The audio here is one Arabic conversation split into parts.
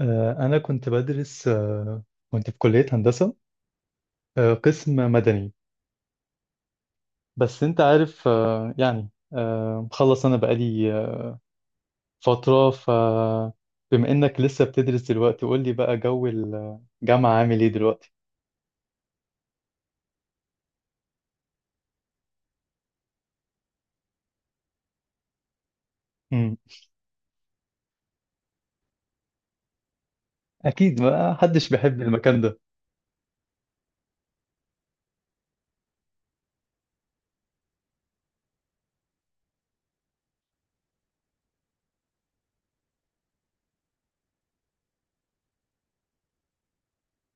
أنا كنت بدرس كنت في كلية هندسة، قسم مدني. بس أنت عارف، مخلص أنا بقالي فترة. فبما إنك لسه بتدرس دلوقتي، قول لي بقى، جو الجامعة عامل إيه دلوقتي؟ مم. أكيد ما حدش بيحب المكان ده.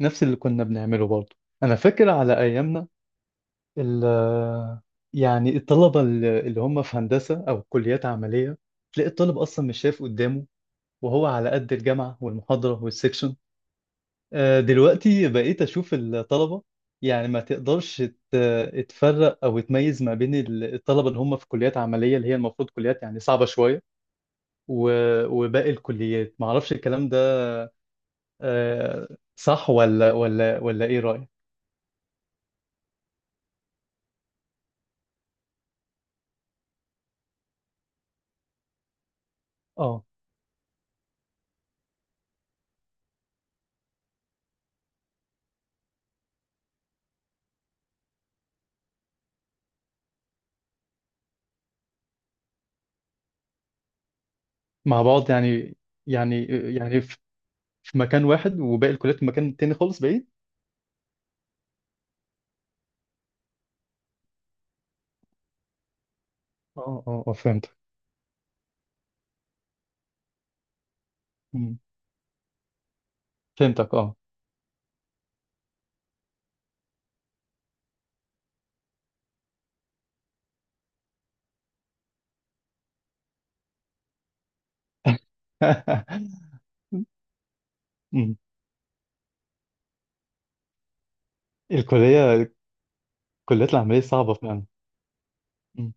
نفس اللي كنا بنعمله برضه. أنا فاكر على أيامنا ال يعني الطلبة اللي هم في هندسة أو كليات عملية، تلاقي الطالب أصلا مش شايف قدامه وهو على قد الجامعة والمحاضرة والسكشن. دلوقتي بقيت أشوف الطلبة، يعني ما تقدرش تفرق أو تميز ما بين الطلبة اللي هم في كليات عملية اللي هي المفروض كليات يعني صعبة شوية، وباقي الكليات معرفش الكلام ده. آه، صح ولا ولا إيه رأيك؟ اه. مع بعض يعني. يعني يعني في، في مكان واحد، وباقي الكليات في مكان تاني خالص بعيد؟ اه. اه فهمتك. مم. فهمتك، اه. مم. الكلية، الكليات العملية صعبة فعلا. مم.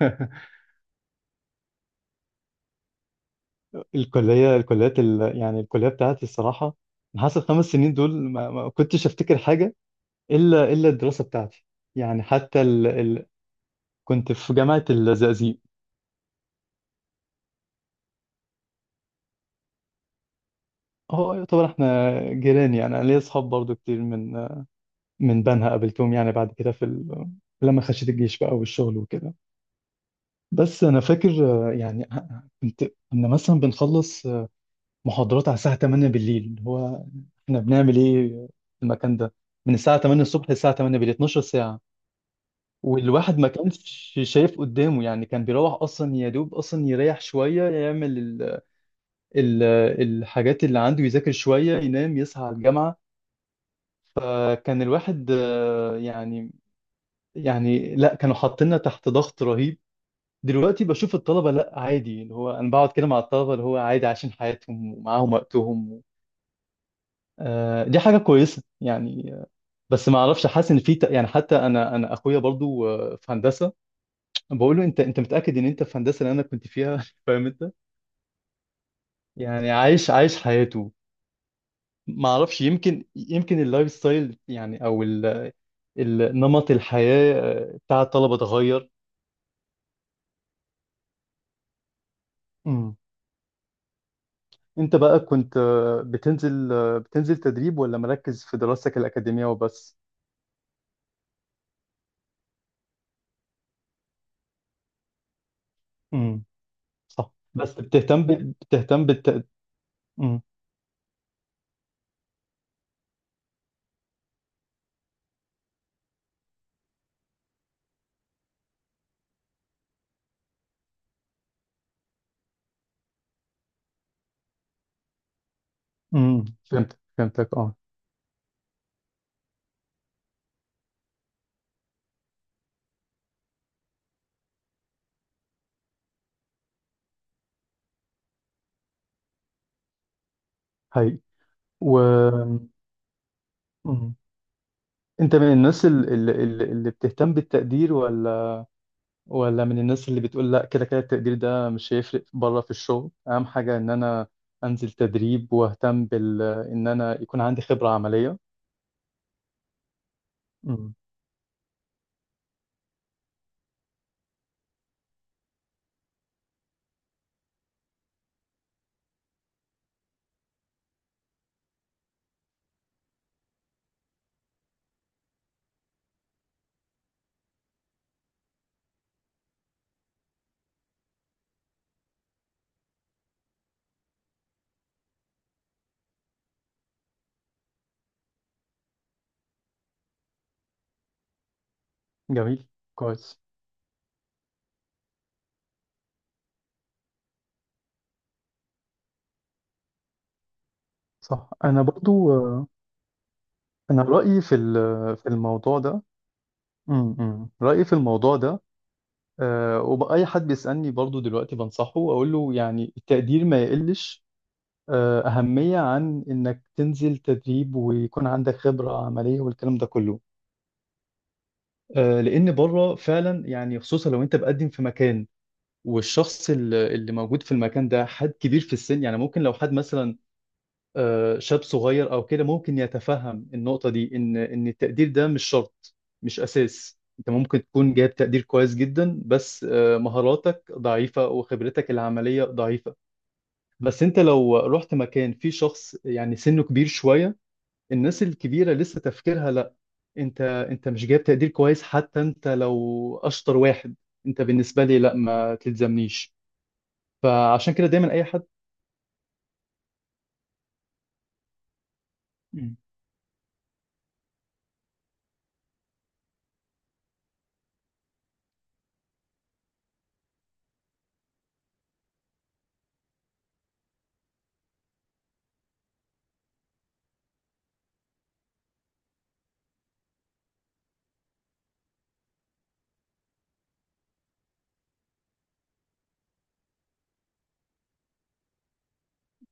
الكلية الكليات ال... يعني الكلية بتاعتي الصراحة، أنا حاسس ال 5 سنين دول ما كنتش أفتكر حاجة إلا الدراسة بتاعتي، يعني حتى كنت في جامعة الزقازيق. هو يعتبر احنا جيران يعني. أنا ليا أصحاب برضو كتير من من بنها، قابلتهم يعني بعد كده في لما خشيت الجيش بقى والشغل وكده. بس أنا فاكر، آه، يعني كنت كنا مثلا بنخلص محاضرات على الساعة 8 بالليل. هو احنا بنعمل ايه في المكان ده من الساعة 8 الصبح للساعة 8 بالليل، 12 ساعة. والواحد ما كانش شايف قدامه يعني، كان بيروح اصلا يا دوب اصلا يريح شوية، يعمل ال ال الحاجات اللي عنده، يذاكر شوية، ينام، يصحى على الجامعة. فكان الواحد لا، كانوا حاطيننا تحت ضغط رهيب. دلوقتي بشوف الطلبة لا عادي، اللي هو انا بقعد كده مع الطلبة اللي هو عادي، عايشين حياتهم ومعاهم وقتهم. دي حاجة كويسة يعني. بس ما اعرفش، حاسس ان في حتى انا، اخويا برضو في هندسه، بقول له انت متاكد ان انت في هندسه اللي انا كنت فيها؟ فاهم انت، يعني عايش حياته. ما اعرفش، يمكن اللايف ستايل يعني، او نمط الحياه بتاع الطلبه اتغير. مم. انت بقى كنت بتنزل، بتنزل تدريب، ولا مركز في دراستك الاكاديميه وبس؟ امم. صح، بس بتهتم ب... بتهتم امم. امم، فهمت، فهمتك، اه. هاي. و. مم. انت من الناس اللي بتهتم بالتقدير، ولا من الناس اللي بتقول لا، كده كده التقدير ده مش هيفرق، بره في الشغل اهم حاجة ان انا انزل تدريب واهتم بال، ان انا يكون عندي خبرة عملية؟ امم. جميل. كويس. صح. انا برضو، انا رأيي في في الموضوع ده، امم، رأيي في الموضوع ده، وبأي حد بيسألني برضو دلوقتي بنصحه، اقول له يعني التقدير ما يقلش أهمية عن إنك تنزل تدريب ويكون عندك خبرة عملية والكلام ده كله. لأن بره فعلا يعني، خصوصا لو أنت بقدم في مكان والشخص اللي موجود في المكان ده حد كبير في السن. يعني ممكن لو حد مثلا شاب صغير أو كده ممكن يتفهم النقطة دي، إن التقدير ده مش شرط، مش أساس. أنت ممكن تكون جايب تقدير كويس جدا بس مهاراتك ضعيفة وخبرتك العملية ضعيفة. بس أنت لو رحت مكان فيه شخص يعني سنه كبير شوية، الناس الكبيرة لسه تفكيرها لا، انت مش جايب تقدير كويس، حتى انت لو اشطر واحد، انت بالنسبة لي لا، ما تلزمنيش. فعشان كده دايما اي حد. مم.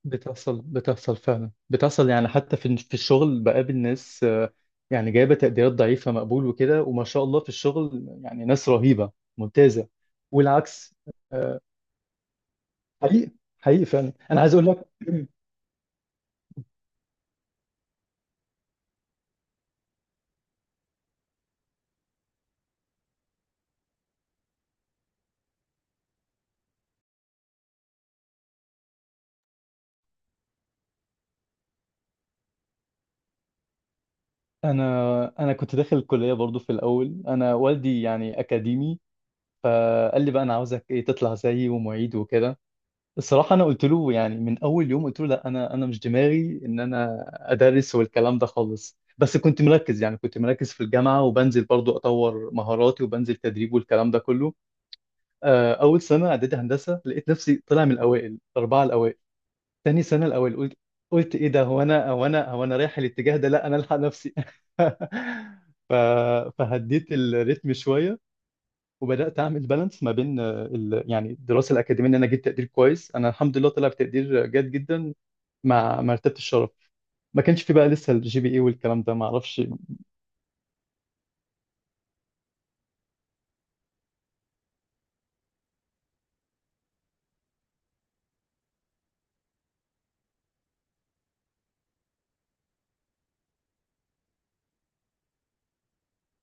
بتحصل، فعلا بتحصل، يعني حتى في في الشغل بقابل ناس يعني جايبة تقديرات ضعيفة، مقبول وكده، وما شاء الله في الشغل يعني ناس رهيبة ممتازة. والعكس. آه، حقيقي، حقيقي فعلا. انا عايز اقول لك، انا كنت داخل الكلية برضو في الاول. انا والدي يعني اكاديمي، فقال لي بقى، انا عاوزك ايه تطلع زيي ومعيد وكده. الصراحه انا قلت له يعني من اول يوم قلت له لا، انا مش دماغي ان انا ادرس والكلام ده خالص، بس كنت مركز. يعني كنت مركز في الجامعه، وبنزل برضو اطور مهاراتي وبنزل تدريب والكلام ده كله. اول سنه اعدادي هندسه لقيت نفسي طلع من الاوائل، الاربعه الاوائل. تاني سنه الاوائل، قلت ايه ده، هو انا، هو انا رايح الاتجاه ده؟ لا، انا الحق نفسي. ف... فهديت الريتم شويه، وبدات اعمل بالانس ما بين، آه، ال... يعني الدراسه الاكاديميه ان انا جبت تقدير كويس. انا الحمد لله طلع بتقدير جيد جدا مع مرتبه الشرف. ما كانش في بقى لسه الجي بي اي والكلام ده، ما اعرفش.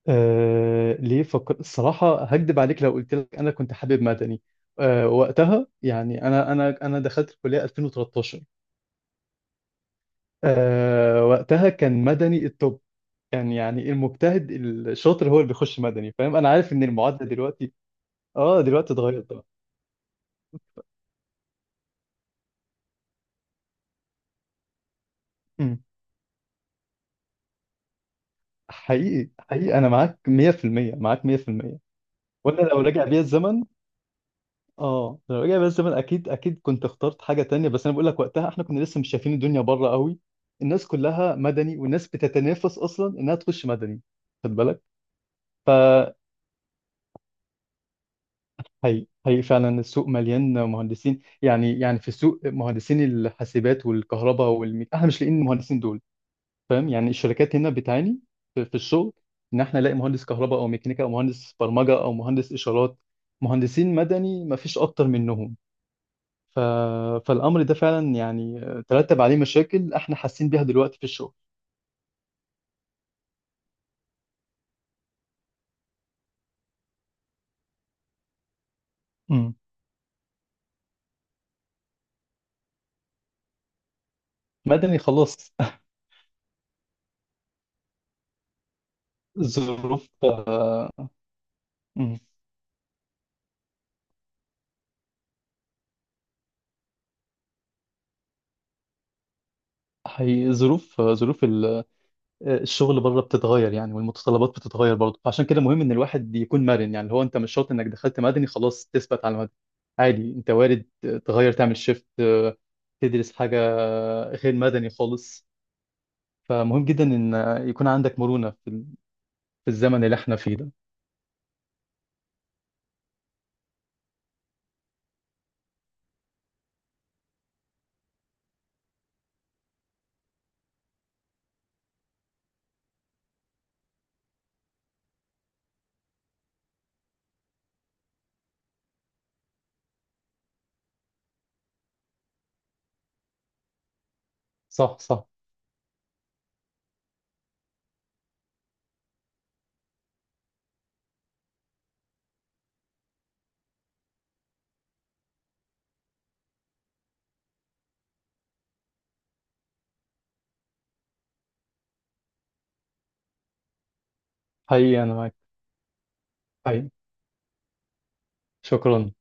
آه، ليه فكر؟ الصراحه هكدب عليك لو قلت لك انا كنت حابب مدني. آه وقتها يعني انا، دخلت الكليه 2013. آه وقتها كان مدني التوب، كان يعني المجتهد الشاطر هو اللي بيخش مدني. فاهم، انا عارف ان المعادله دلوقتي، اه دلوقتي اتغيرت. طبعا. حقيقي، حقيقي، انا معاك 100%، معاك 100%. وانا لو رجع بيا الزمن، اه لو رجع بيا الزمن اكيد، كنت اخترت حاجه تانية، بس انا بقول لك وقتها احنا كنا لسه مش شايفين الدنيا بره قوي. الناس كلها مدني، والناس بتتنافس اصلا انها تخش مدني، خد بالك. هي فعلا، السوق مليان مهندسين، يعني في السوق مهندسين الحاسبات والكهرباء احنا مش لاقيين المهندسين دول. فاهم يعني الشركات هنا بتعاني في في الشغل، ان احنا نلاقي مهندس كهرباء او ميكانيكا او مهندس برمجه او مهندس اشارات. مهندسين مدني ما فيش اكتر منهم. ف... فالامر ده فعلا يعني ترتب عليه مشاكل احنا حاسين بيها دلوقتي في الشغل. امم. مدني خلاص. الظروف. امم. حقيقي، ظروف، ظروف الشغل بره بتتغير يعني، والمتطلبات بتتغير برضه. فعشان كده مهم ان الواحد يكون مرن، يعني اللي هو انت مش شرط انك دخلت مدني خلاص تثبت على مدني. عادي، انت وارد تغير، تعمل شيفت، تدرس حاجة غير مدني خالص. فمهم جدا ان يكون عندك مرونة في في الزمن اللي احنا فيه ده. صح، صح. حقيقي، انا معاك. حقيقي، شكرا.